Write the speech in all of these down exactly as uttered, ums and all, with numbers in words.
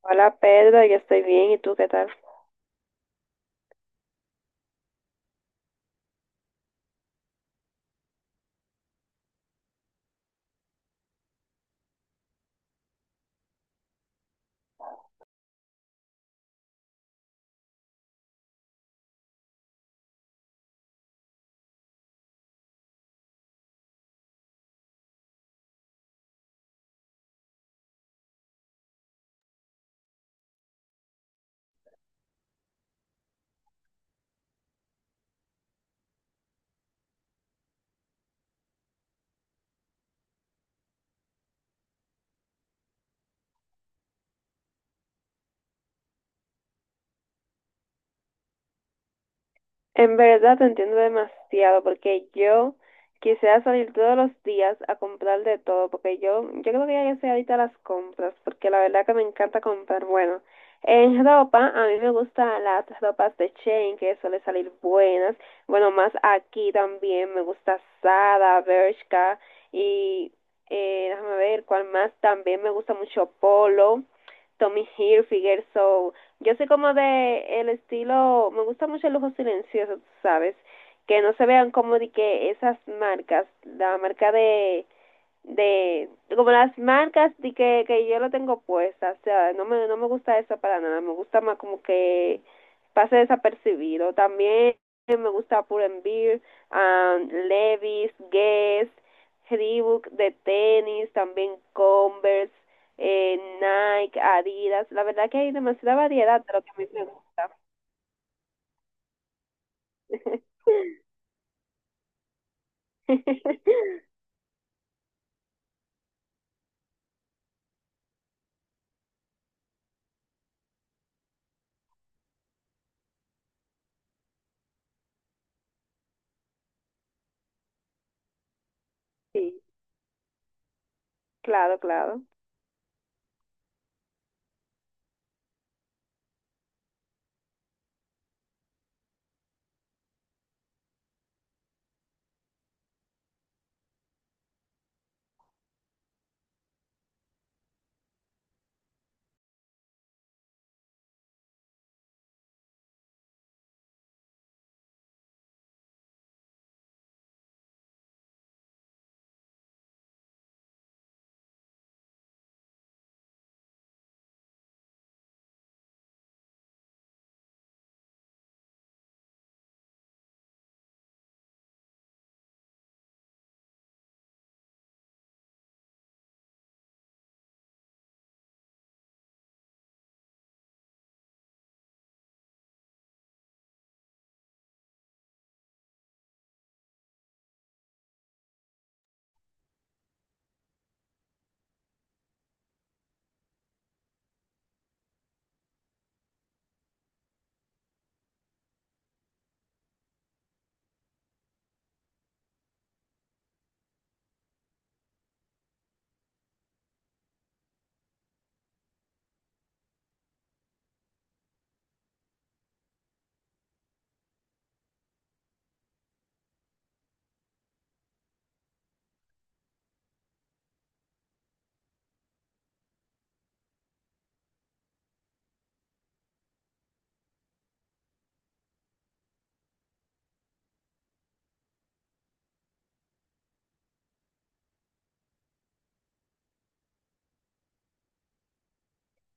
Hola Pedro, yo estoy bien, ¿y tú qué tal? En verdad te entiendo demasiado porque yo quisiera salir todos los días a comprar de todo porque yo, yo creo que ya yo soy ahorita las compras porque la verdad que me encanta comprar. Bueno, en ropa a mí me gustan las ropas de Shein que suelen salir buenas. Bueno, más aquí también me gusta Zara, Bershka y eh, déjame ver cuál más. También me gusta mucho Polo, Tommy Hilfiger, so... Yo soy como de el estilo, me gusta mucho el lujo silencioso, sabes, que no se vean como de que esas marcas, la marca de de como las marcas de que, que yo lo tengo puesta, o sea, no me, no me gusta eso para nada, me gusta más como que pase desapercibido. También me gusta Pull&Bear, um, Levi's, Guess, Reebok de tenis, también Converse, eh, Nike, Adidas. La verdad que hay demasiada variedad de lo que a mí me gusta. Sí, claro, claro.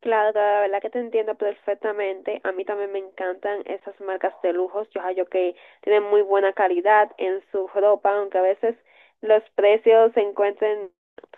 Claro, claro, la verdad que te entiendo perfectamente. A mí también me encantan esas marcas de lujos. Yo hallo que tienen muy buena calidad en su ropa, aunque a veces los precios se encuentren,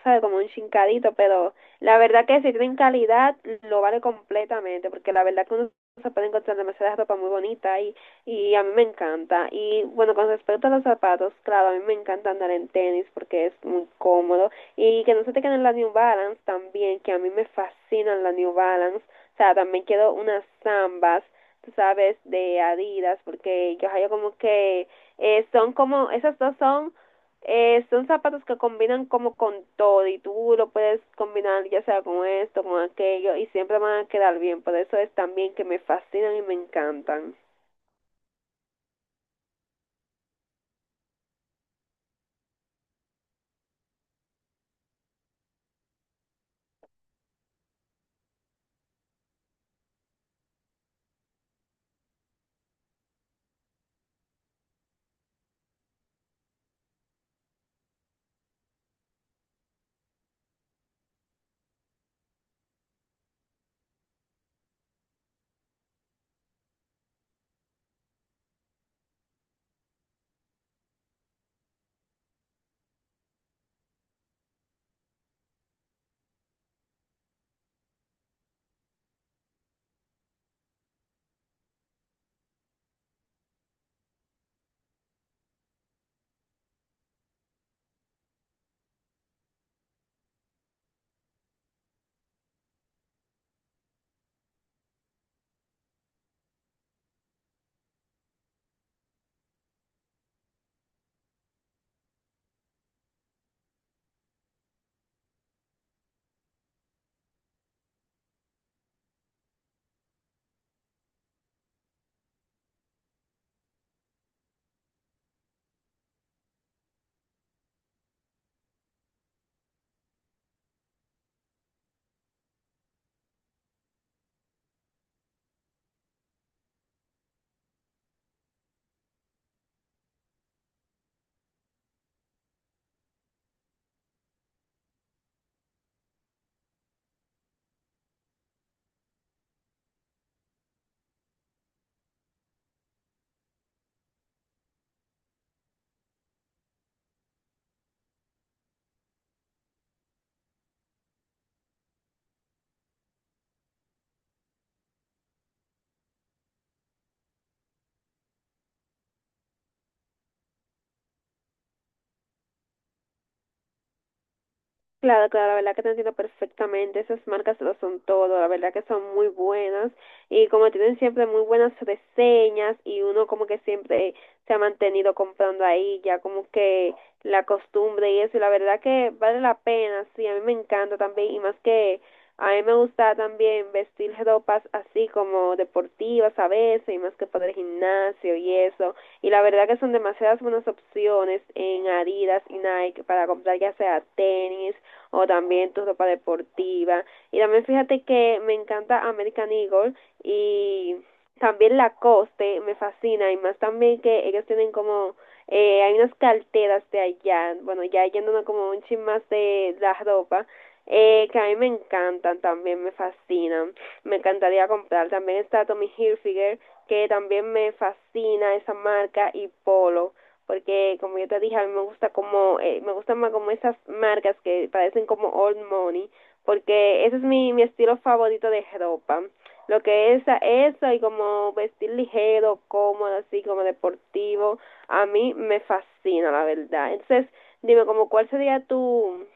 sabe, como un chincadito, pero la verdad que si tienen calidad, lo vale completamente, porque la verdad que uno se puede encontrar demasiada ropa muy bonita y, y a mí me encanta. Y bueno, con respecto a los zapatos, claro, a mí me encanta andar en tenis porque es muy cómodo y que no se te queden las New Balance también, que a mí me fascinan las New Balance. O sea, también quiero unas zambas, tú sabes, de Adidas, porque yo hallo como que eh, son como, esas dos son, eh, son zapatos que combinan como con todo y tú lo puedes combinar ya sea con esto, con aquello y siempre van a quedar bien. Por eso es también que me fascinan y me encantan. Claro, claro, la verdad que te entiendo perfectamente. Esas marcas lo son todo, la verdad que son muy buenas y como tienen siempre muy buenas reseñas y uno como que siempre se ha mantenido comprando ahí, ya como que la costumbre y eso, y la verdad que vale la pena, sí, a mí me encanta también y más que a mí me gusta también vestir ropas así como deportivas a veces y más que para el gimnasio y eso. Y la verdad que son demasiadas buenas opciones en Adidas y Nike para comprar ya sea tenis o también tu ropa deportiva. Y también fíjate que me encanta American Eagle y también la coste me fascina y más también que ellos tienen como eh, hay unas carteras de allá, bueno, ya yéndonos como un chin más de la ropa, eh, que a mí me encantan también, me fascinan. Me encantaría comprar. También está Tommy Hilfiger, que también me fascina esa marca, y Polo porque como yo te dije, a mí me gusta como, eh, me gustan más como esas marcas que parecen como old money, porque ese es mi, mi estilo favorito de ropa. Lo que es eso y como vestir ligero, cómodo, así como deportivo, a mí me fascina, la verdad. Entonces, dime, como cuál sería tu,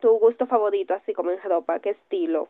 tu gusto favorito, así como en ropa, qué estilo.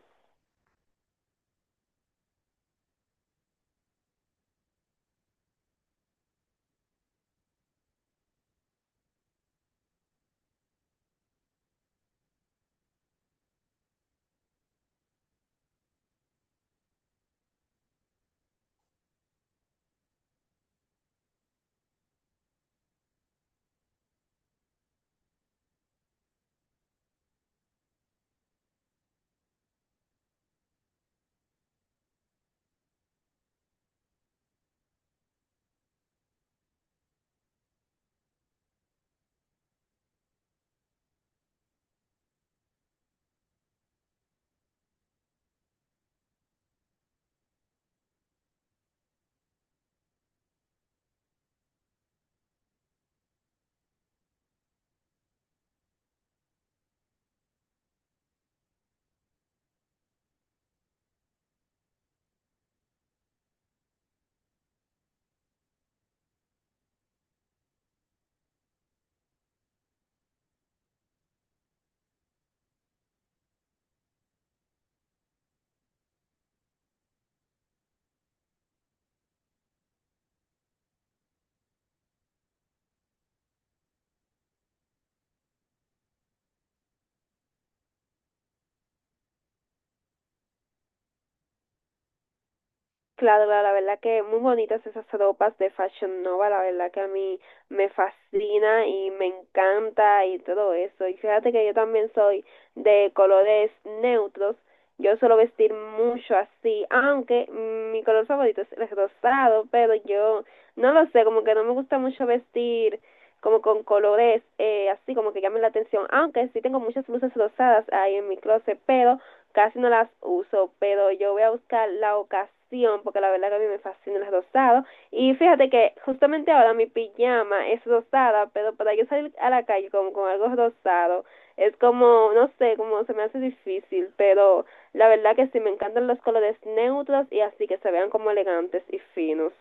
Claro, claro, la verdad que muy bonitas esas ropas de Fashion Nova, la verdad que a mí me fascina y me encanta y todo eso. Y fíjate que yo también soy de colores neutros, yo suelo vestir mucho así, aunque mm, mi color favorito es el rosado, pero yo no lo sé, como que no me gusta mucho vestir como con colores eh, así como que llamen la atención, aunque sí tengo muchas blusas rosadas ahí en mi closet, pero casi no las uso, pero yo voy a buscar la ocasión porque la verdad que a mí me fascinan las rosadas. Y fíjate que justamente ahora mi pijama es rosada, pero para yo salir a la calle con, con algo rosado es como, no sé, como se me hace difícil, pero la verdad que sí me encantan los colores neutros y así que se vean como elegantes y finos.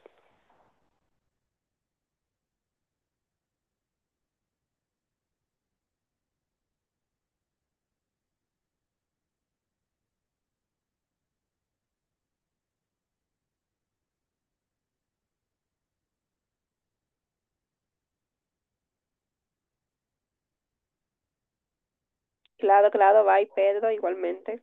Claro, claro, bye Pedro, igualmente.